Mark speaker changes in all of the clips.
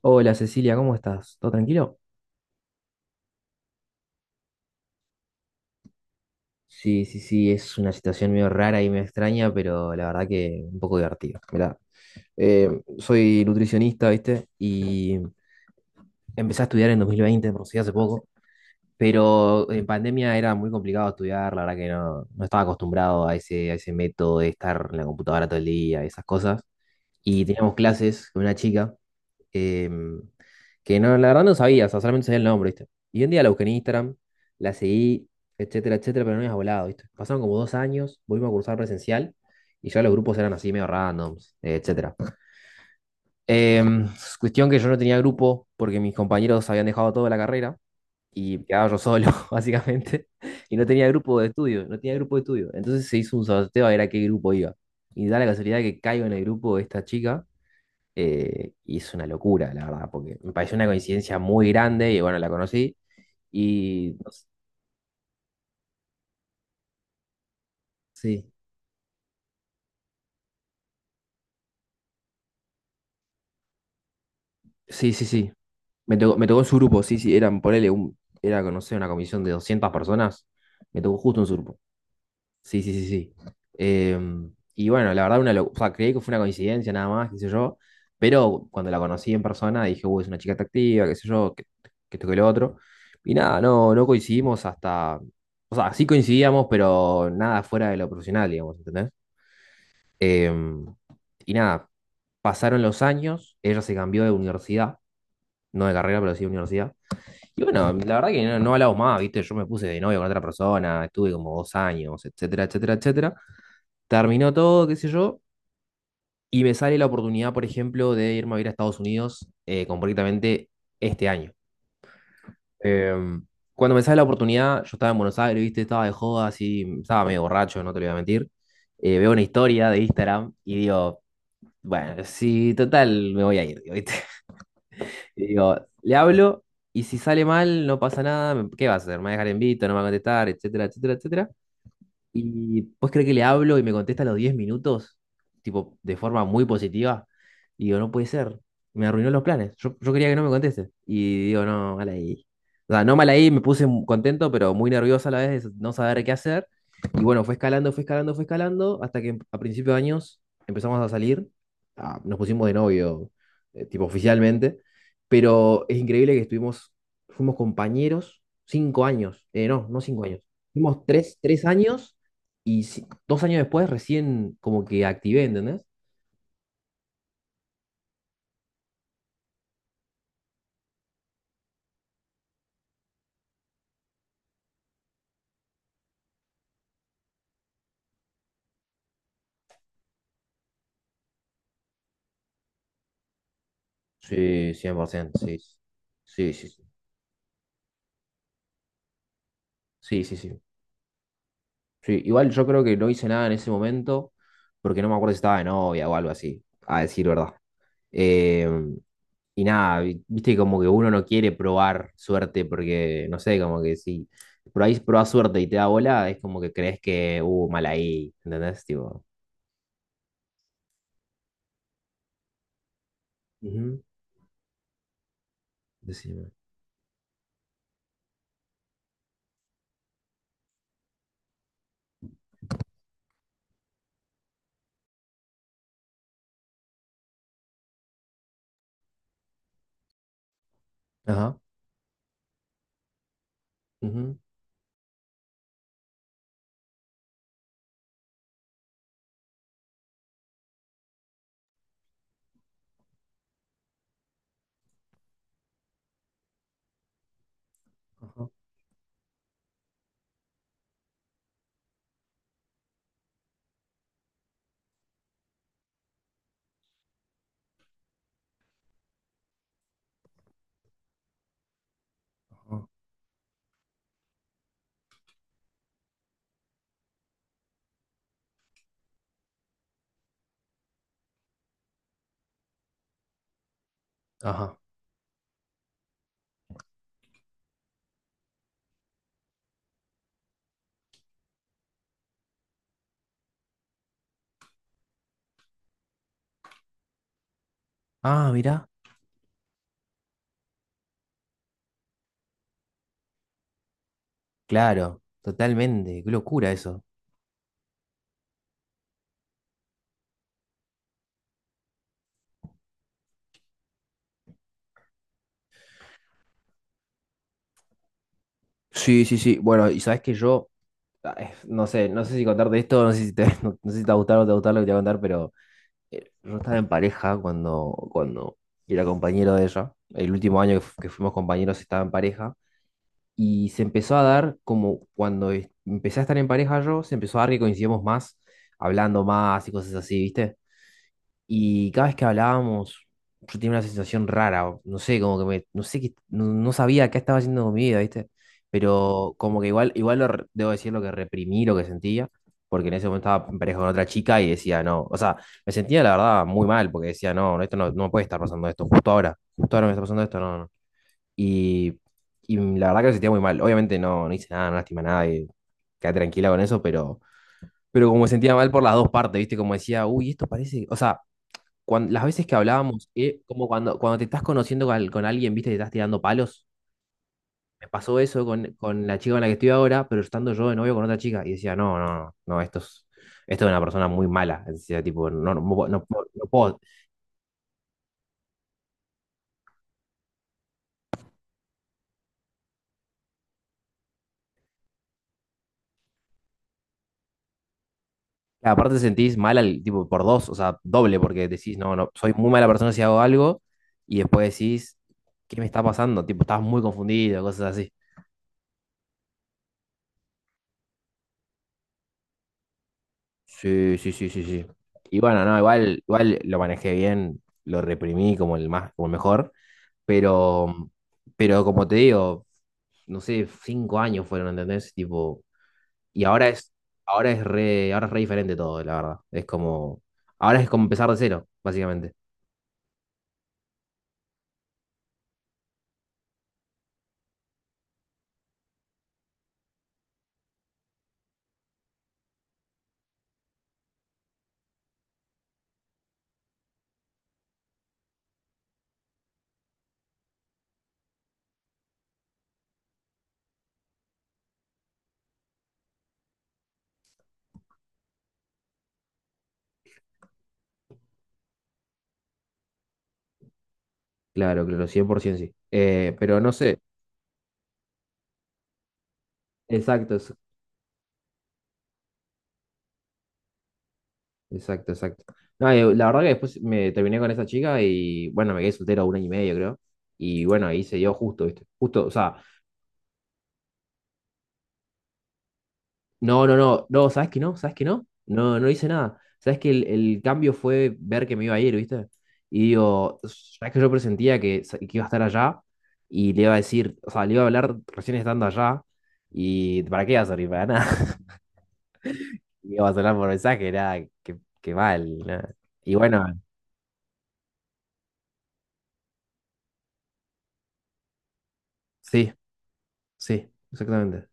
Speaker 1: Hola Cecilia, ¿cómo estás? ¿Todo tranquilo? Sí, sí, sí, es una situación medio rara y medio extraña, pero la verdad que un poco divertido. Mirá, eh, soy nutricionista, ¿viste? Y empecé a estudiar en 2020, por si hace poco, pero en pandemia era muy complicado estudiar, la verdad que no estaba acostumbrado a ese método de estar en la computadora todo el día y esas cosas. Y teníamos clases con una chica em, que no, la verdad no sabía, o sea, solamente sabía el nombre, ¿viste? Y un día la busqué en Instagram, la seguí, etcétera, etcétera, pero no había volado, ¿viste? Pasaron como dos años, volvimos a cursar presencial y ya los grupos eran así medio randoms, etcétera. Em, Cuestión que yo no tenía grupo porque mis compañeros habían dejado toda la carrera y quedaba yo solo, básicamente, y no tenía grupo de estudio, no tenía grupo de estudio. Entonces se hizo un sorteo a ver a qué grupo iba. Y da la casualidad que caigo en el grupo de esta chica y es una locura, la verdad, porque me pareció una coincidencia muy grande y bueno, la conocí. Y no sé, sí, sí, sí, sí. Me tocó en su grupo, sí, sí, eran, ponele, un, era, no sé, una comisión de 200 personas. Me tocó justo en su grupo. Sí, sí, sí, sí. Y bueno, la verdad, o sea, creí que fue una coincidencia nada más, qué sé yo, pero cuando la conocí en persona dije, uy, es una chica atractiva, qué sé yo, que esto que lo otro. Y nada, no coincidimos hasta, o sea, sí coincidíamos, pero nada fuera de lo profesional, digamos, ¿entendés? Em, y nada, pasaron los años, ella se cambió de universidad, no de carrera, pero sí de universidad. Y bueno, la verdad que no hablamos más, ¿viste? Yo me puse de novio con otra persona, estuve como dos años, etcétera, etcétera, etcétera. Terminó todo, qué sé yo, y me sale la oportunidad, por ejemplo, de irme a vivir a Estados Unidos concretamente este año. Em, Cuando me sale la oportunidad, yo estaba en Buenos Aires, viste, estaba de joda, así, estaba medio borracho, no te lo voy a mentir. Veo una historia de Instagram y digo, bueno, sí, total, me voy a ir, ¿viste? Y digo, le hablo y si sale mal, no pasa nada, ¿qué va a hacer? ¿Me va a dejar en visto? ¿No me va a contestar? Etcétera, etcétera, etcétera. Y pues cree que le hablo y me contesta a los 10 minutos, tipo, de forma muy positiva. Y digo, no puede ser. Me arruinó los planes. Yo quería que no me conteste. Y digo, no, mal ahí. O sea, no mal ahí, me puse contento, pero muy nervioso a la vez de no saber qué hacer. Y bueno, fue escalando, fue escalando, fue escalando, hasta que a principios de años empezamos a salir. Ah, nos pusimos de novio, tipo oficialmente. Pero es increíble que estuvimos, fuimos compañeros 5 años. No 5 años. Fuimos tres años y 2 años después recién como que activé, ¿entendés? Sí, 100%, sí. Sí, sí, sí. Sí, sí, sí. Sí, igual yo creo que no hice nada en ese momento porque no me acuerdo si estaba de novia o algo así, a decir verdad. Eh, y nada, viste como que uno no quiere probar suerte porque, no sé, como que si por ahí probás suerte y te da bola, es como que crees que, mal ahí, ¿entendés? Tipo, ujú, decime. Ajá, ujú, ajá, ajá. Ajá. Ah, mirá. Claro, totalmente, qué locura eso. Sí, sí, sí. Bueno, y sabes que yo, ay, no sé, no sé si contarte esto, no sé si te, no, no sé si te va a gustar o no te va a gustar lo que te voy a contar, pero yo estaba en pareja cuando era compañero de ella. El último año que, que fuimos compañeros estaba en pareja. Y se empezó a dar como cuando empecé a estar en pareja yo, se empezó a dar que coincidíamos más, hablando más y cosas así, ¿viste? Y cada vez que hablábamos, yo tenía una sensación rara, o no sé, como que me, no sé qué, no sabía qué estaba haciendo con mi vida, ¿viste? Pero como que igual, igual debo decir lo que reprimí, lo que sentía, porque en ese momento estaba en pareja con otra chica y decía, no, o sea, me sentía la verdad muy mal, porque decía, no, no, esto no, no me puede estar pasando esto, justo ahora me está pasando esto, no, no. Y, y la verdad que me sentía muy mal, obviamente no, no hice nada, no lastimé a nadie, quedé tranquila con eso, pero como me sentía mal por las dos partes, ¿viste? Como decía, uy, esto parece, o sea las veces que hablábamos, como cuando, cuando te estás conociendo con, con alguien, viste, te estás tirando palos. Me pasó eso con la chica con la que estoy ahora, pero estando yo de novio con otra chica. Y decía, no, no, no, esto es una persona muy mala. Decía, tipo, no, no, no, no puedo. Aparte te sentís mal, tipo, por dos, o sea, doble, porque decís, no, no, soy muy mala persona si hago algo. Y después decís, ¿qué me está pasando? Tipo, estás muy confundido, cosas así. Sí, sí, sí, sí, sí. Y bueno, no, igual, igual lo manejé bien, lo reprimí como el más, como el mejor, pero, pero como te digo, no sé, 5 años fueron, ¿entendés? Tipo, y ahora es re diferente todo, la verdad. Es como, ahora es como empezar de cero, básicamente. Claro, claro, 100% sí. Pero no sé, exacto, exacto, exacto. No, la verdad que después me terminé con esa chica y bueno, me quedé soltero un año y medio, creo. Y bueno, ahí se dio justo, ¿viste? Justo, o sea, no, no, no, no, ¿sabes que no? ¿Sabes que no? No, no hice nada. ¿Sabes que el cambio fue ver que me iba a ir, ¿viste? Y digo, ¿sabes que yo presentía que, que iba a estar allá? Y le iba a decir, o sea, le iba a hablar recién estando allá. ¿Y para qué iba a servir? Para nada. Le iba a sonar por mensaje, nada, que mal, nada. Y bueno, sí, sí, exactamente.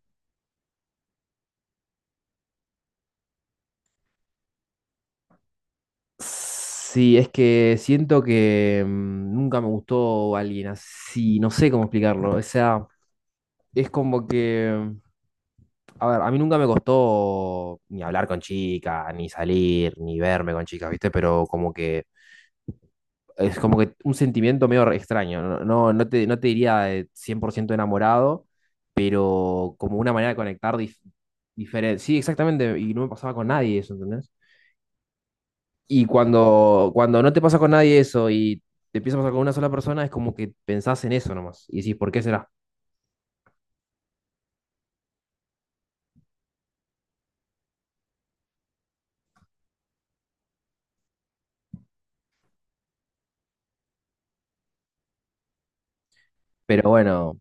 Speaker 1: Sí, es que siento que mm, nunca me gustó alguien así, no sé cómo explicarlo. O sea, es como que, a ver, a mí nunca me costó ni hablar con chicas, ni salir, ni verme con chicas, ¿viste? Pero como que es como que un sentimiento medio extraño, no, no, no te, no te diría de 100% enamorado, pero como una manera de conectar diferente. Sí, exactamente, y no me pasaba con nadie eso, ¿entendés? Y cuando, cuando no te pasa con nadie eso y te empieza a pasar con una sola persona, es como que pensás en eso nomás y decís, ¿por qué será? Pero bueno.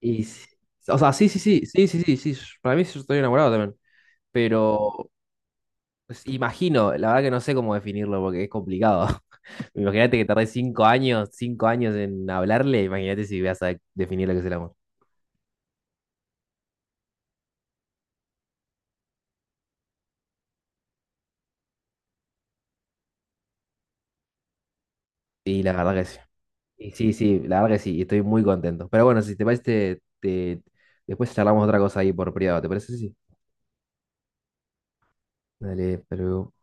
Speaker 1: Y, o sea, sí, sí, sí, sí, sí, sí, sí, para mí sí estoy enamorado también, pero pues, imagino, la verdad que no sé cómo definirlo porque es complicado. Imagínate que tardé 5 años, 5 años en hablarle, imagínate si vas a definir lo que es el amor. Y la verdad que sí. Y sí, sí, la verdad que sí, y estoy muy contento. Pero bueno, si te parece, te, después charlamos otra cosa ahí por privado, ¿te parece? Sí. Dale, pero...